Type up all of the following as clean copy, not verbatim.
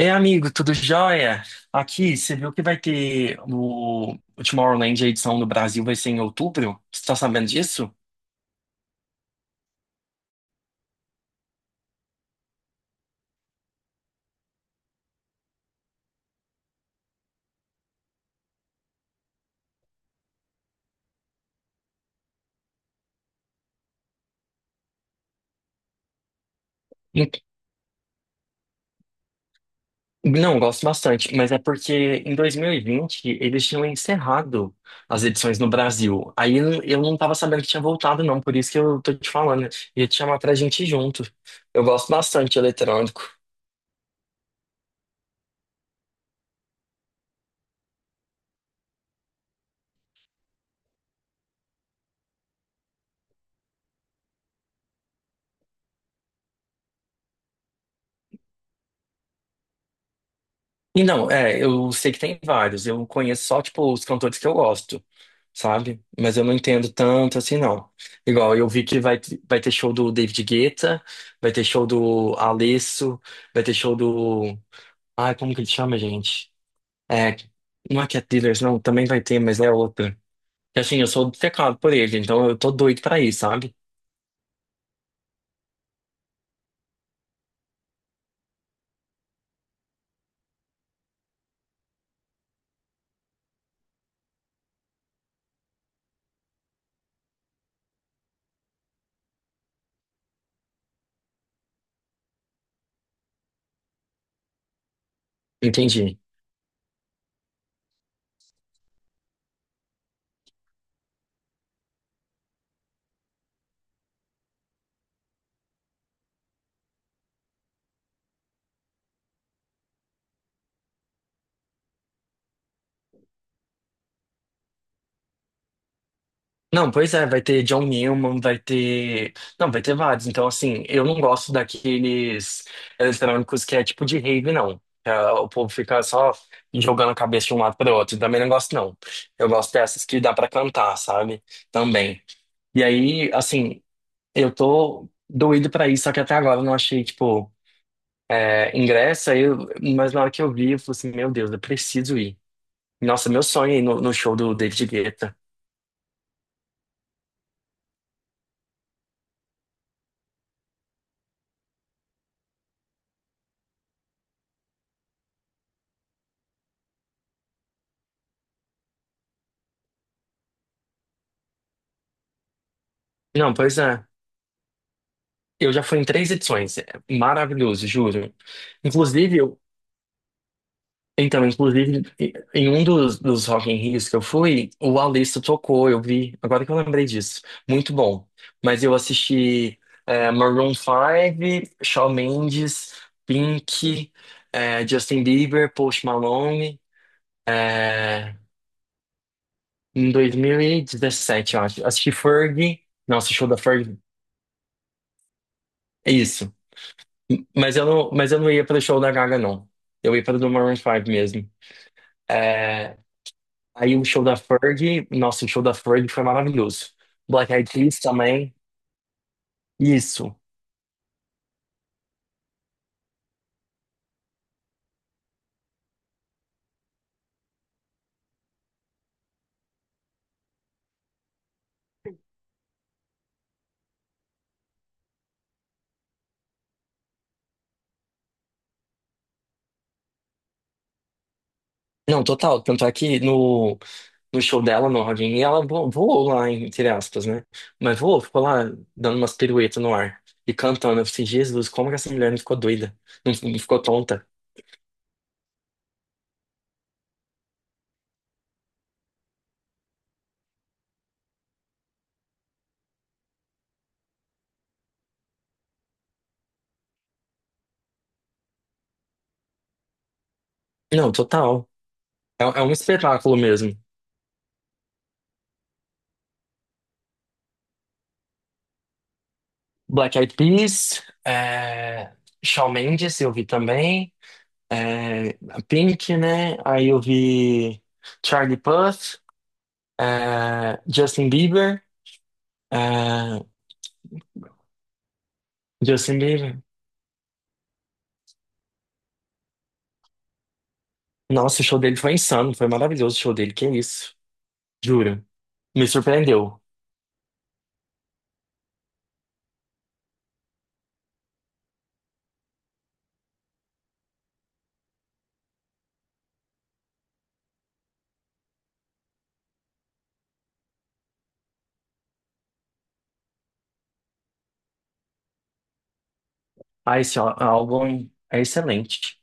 É amigo, tudo jóia? Aqui, você viu que vai ter o Tomorrowland, a edição no Brasil vai ser em outubro? Você tá sabendo disso? Ent- Não, gosto bastante, mas é porque em 2020 eles tinham encerrado as edições no Brasil. Aí eu não tava sabendo que tinha voltado, não, por isso que eu tô te falando. Ia te chamar pra gente ir junto. Eu gosto bastante de eletrônico. E não, eu sei que tem vários, eu conheço só, tipo, os cantores que eu gosto, sabe? Mas eu não entendo tanto assim, não. Igual, eu vi que vai ter show do David Guetta, vai ter show do Alesso, vai ter show do. Ai, como que ele chama, gente? É, não é Cat Dealers, não, também vai ter, mas é outra. E, assim, eu sou obcecado por ele, então eu tô doido pra ir, sabe? Entendi. Não, pois é, vai ter John Newman, vai ter. Não, vai ter vários. Então, assim, eu não gosto daqueles eletrônicos que é tipo de rave, não. É, o povo fica só jogando a cabeça de um lado para o outro. Também não gosto, não. Eu gosto dessas que dá para cantar, sabe? Também. E aí, assim, eu tô doido para ir, só que até agora eu não achei, tipo, ingresso. Mas na hora que eu vi, eu falei assim: meu Deus, eu preciso ir. Nossa, meu sonho é ir no show do David Guetta. Não, pois é. Eu já fui em três edições. É maravilhoso, juro. Inclusive, eu... Então, inclusive, em um dos Rock in Rios que eu fui, o Alice tocou, eu vi. Agora que eu lembrei disso. Muito bom. Mas eu assisti Maroon 5, Shawn Mendes, Pink, Justin Bieber, Post Malone. é, em 2017, eu acho. Assisti Fergie. Nossa, o show da Fergie. É isso. Mas eu não ia para o show da Gaga, não. Eu ia para o do Maroon 5 mesmo. É, aí o show da Ferg, nossa, o show da Ferg foi maravilhoso. Black Eyed Peas também. Isso. Não, total. Tanto é que no show dela, no Rock in Rio, ela voou lá, entre aspas, né? Mas voou, ficou lá dando umas piruetas no ar e cantando. Eu falei, Jesus, como que essa mulher não ficou doida? Não, não ficou tonta? Não, total. É um espetáculo mesmo. Black Eyed Peas, Shawn Mendes eu vi também, é, Pink, né? Aí eu vi Charlie Puth, Justin Bieber, é, Justin Bieber. Nossa, o show dele foi insano, foi maravilhoso o show dele, que isso, juro. Me surpreendeu. Ah, esse álbum é excelente.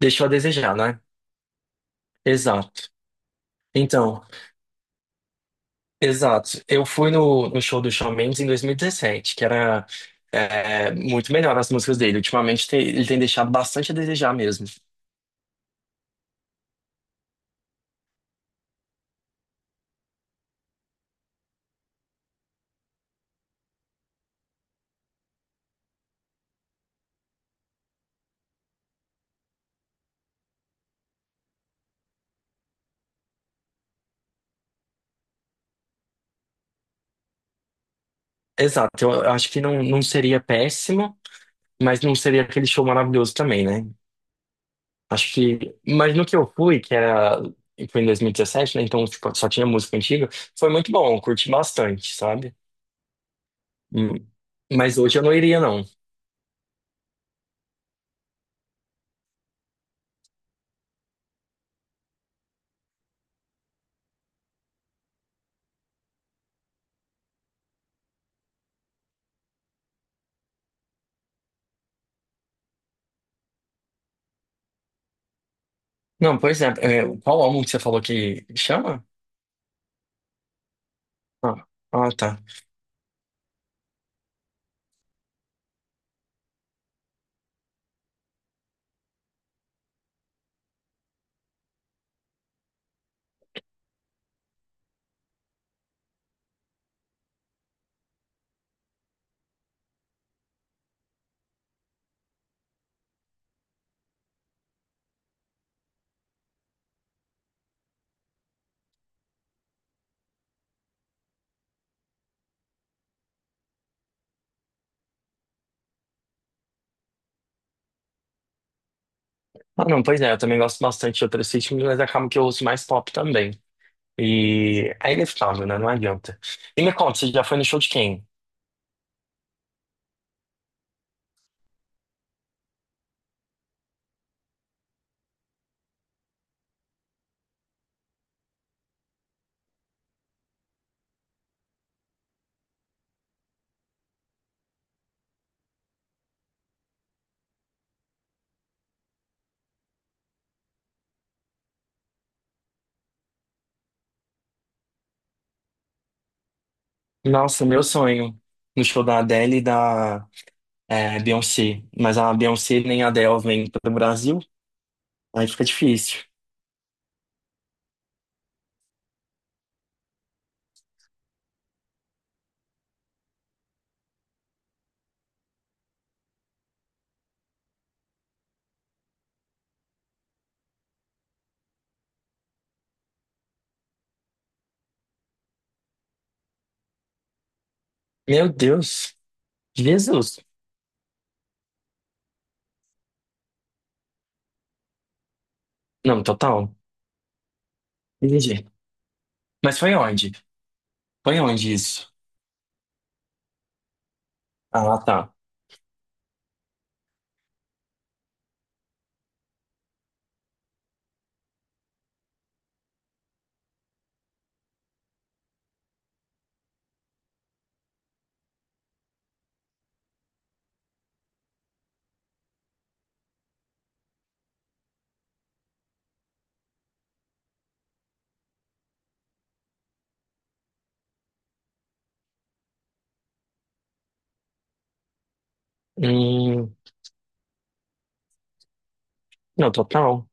Deixou a desejar, né? Exato. Então, exato. Eu fui no show do Shawn Mendes em 2017, que era muito melhor as músicas dele. Ultimamente ele tem deixado bastante a desejar mesmo. Exato. Eu acho que não, não seria péssimo, mas não seria aquele show maravilhoso também, né? Acho que. Mas no que eu fui, que era. Foi em 2017, né? Então tipo, só tinha música antiga. Foi muito bom, eu curti bastante, sabe? Hum, Mas hoje eu não iria, não. Não, pois é. Qual álbum que você falou que chama? Ah, ah, tá. Ah, não, pois é, eu também gosto bastante de outros ritmos, mas acaba que eu ouço mais pop também. E é inevitável, né? Não adianta. E me conta, você já foi no show de quem? Nossa, meu sonho. No show da Adele e da Beyoncé. Mas a Beyoncé nem a Adele vem pro Brasil, aí fica difícil. Meu Deus. Jesus. Não, total. Entendi. Mas foi onde? Foi onde isso? Ah, tá. Hum, não, total.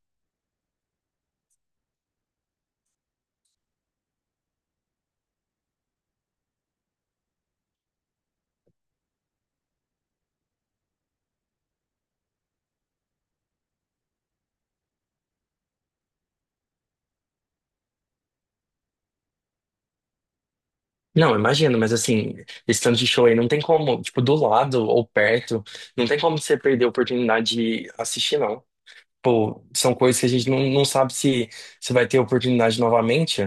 Não, imagino, mas assim, esse tanto de show aí não tem como, tipo, do lado ou perto, não tem como você perder a oportunidade de assistir, não. Pô, são coisas que a gente não sabe se, vai ter oportunidade novamente.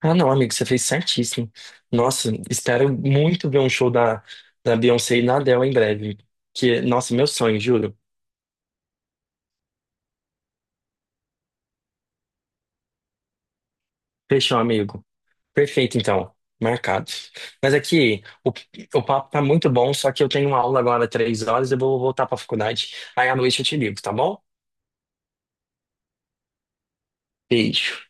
Ah, não, amigo, você fez certíssimo. Nossa, espero muito ver um show da Beyoncé e da Adele em breve. Que, nossa, meu sonho, juro. Fechou, amigo. Perfeito, então. Marcado. Mas aqui, o papo tá muito bom, só que eu tenho uma aula agora 3 horas e eu vou voltar pra faculdade. Aí à noite eu te ligo, tá bom? Beijo.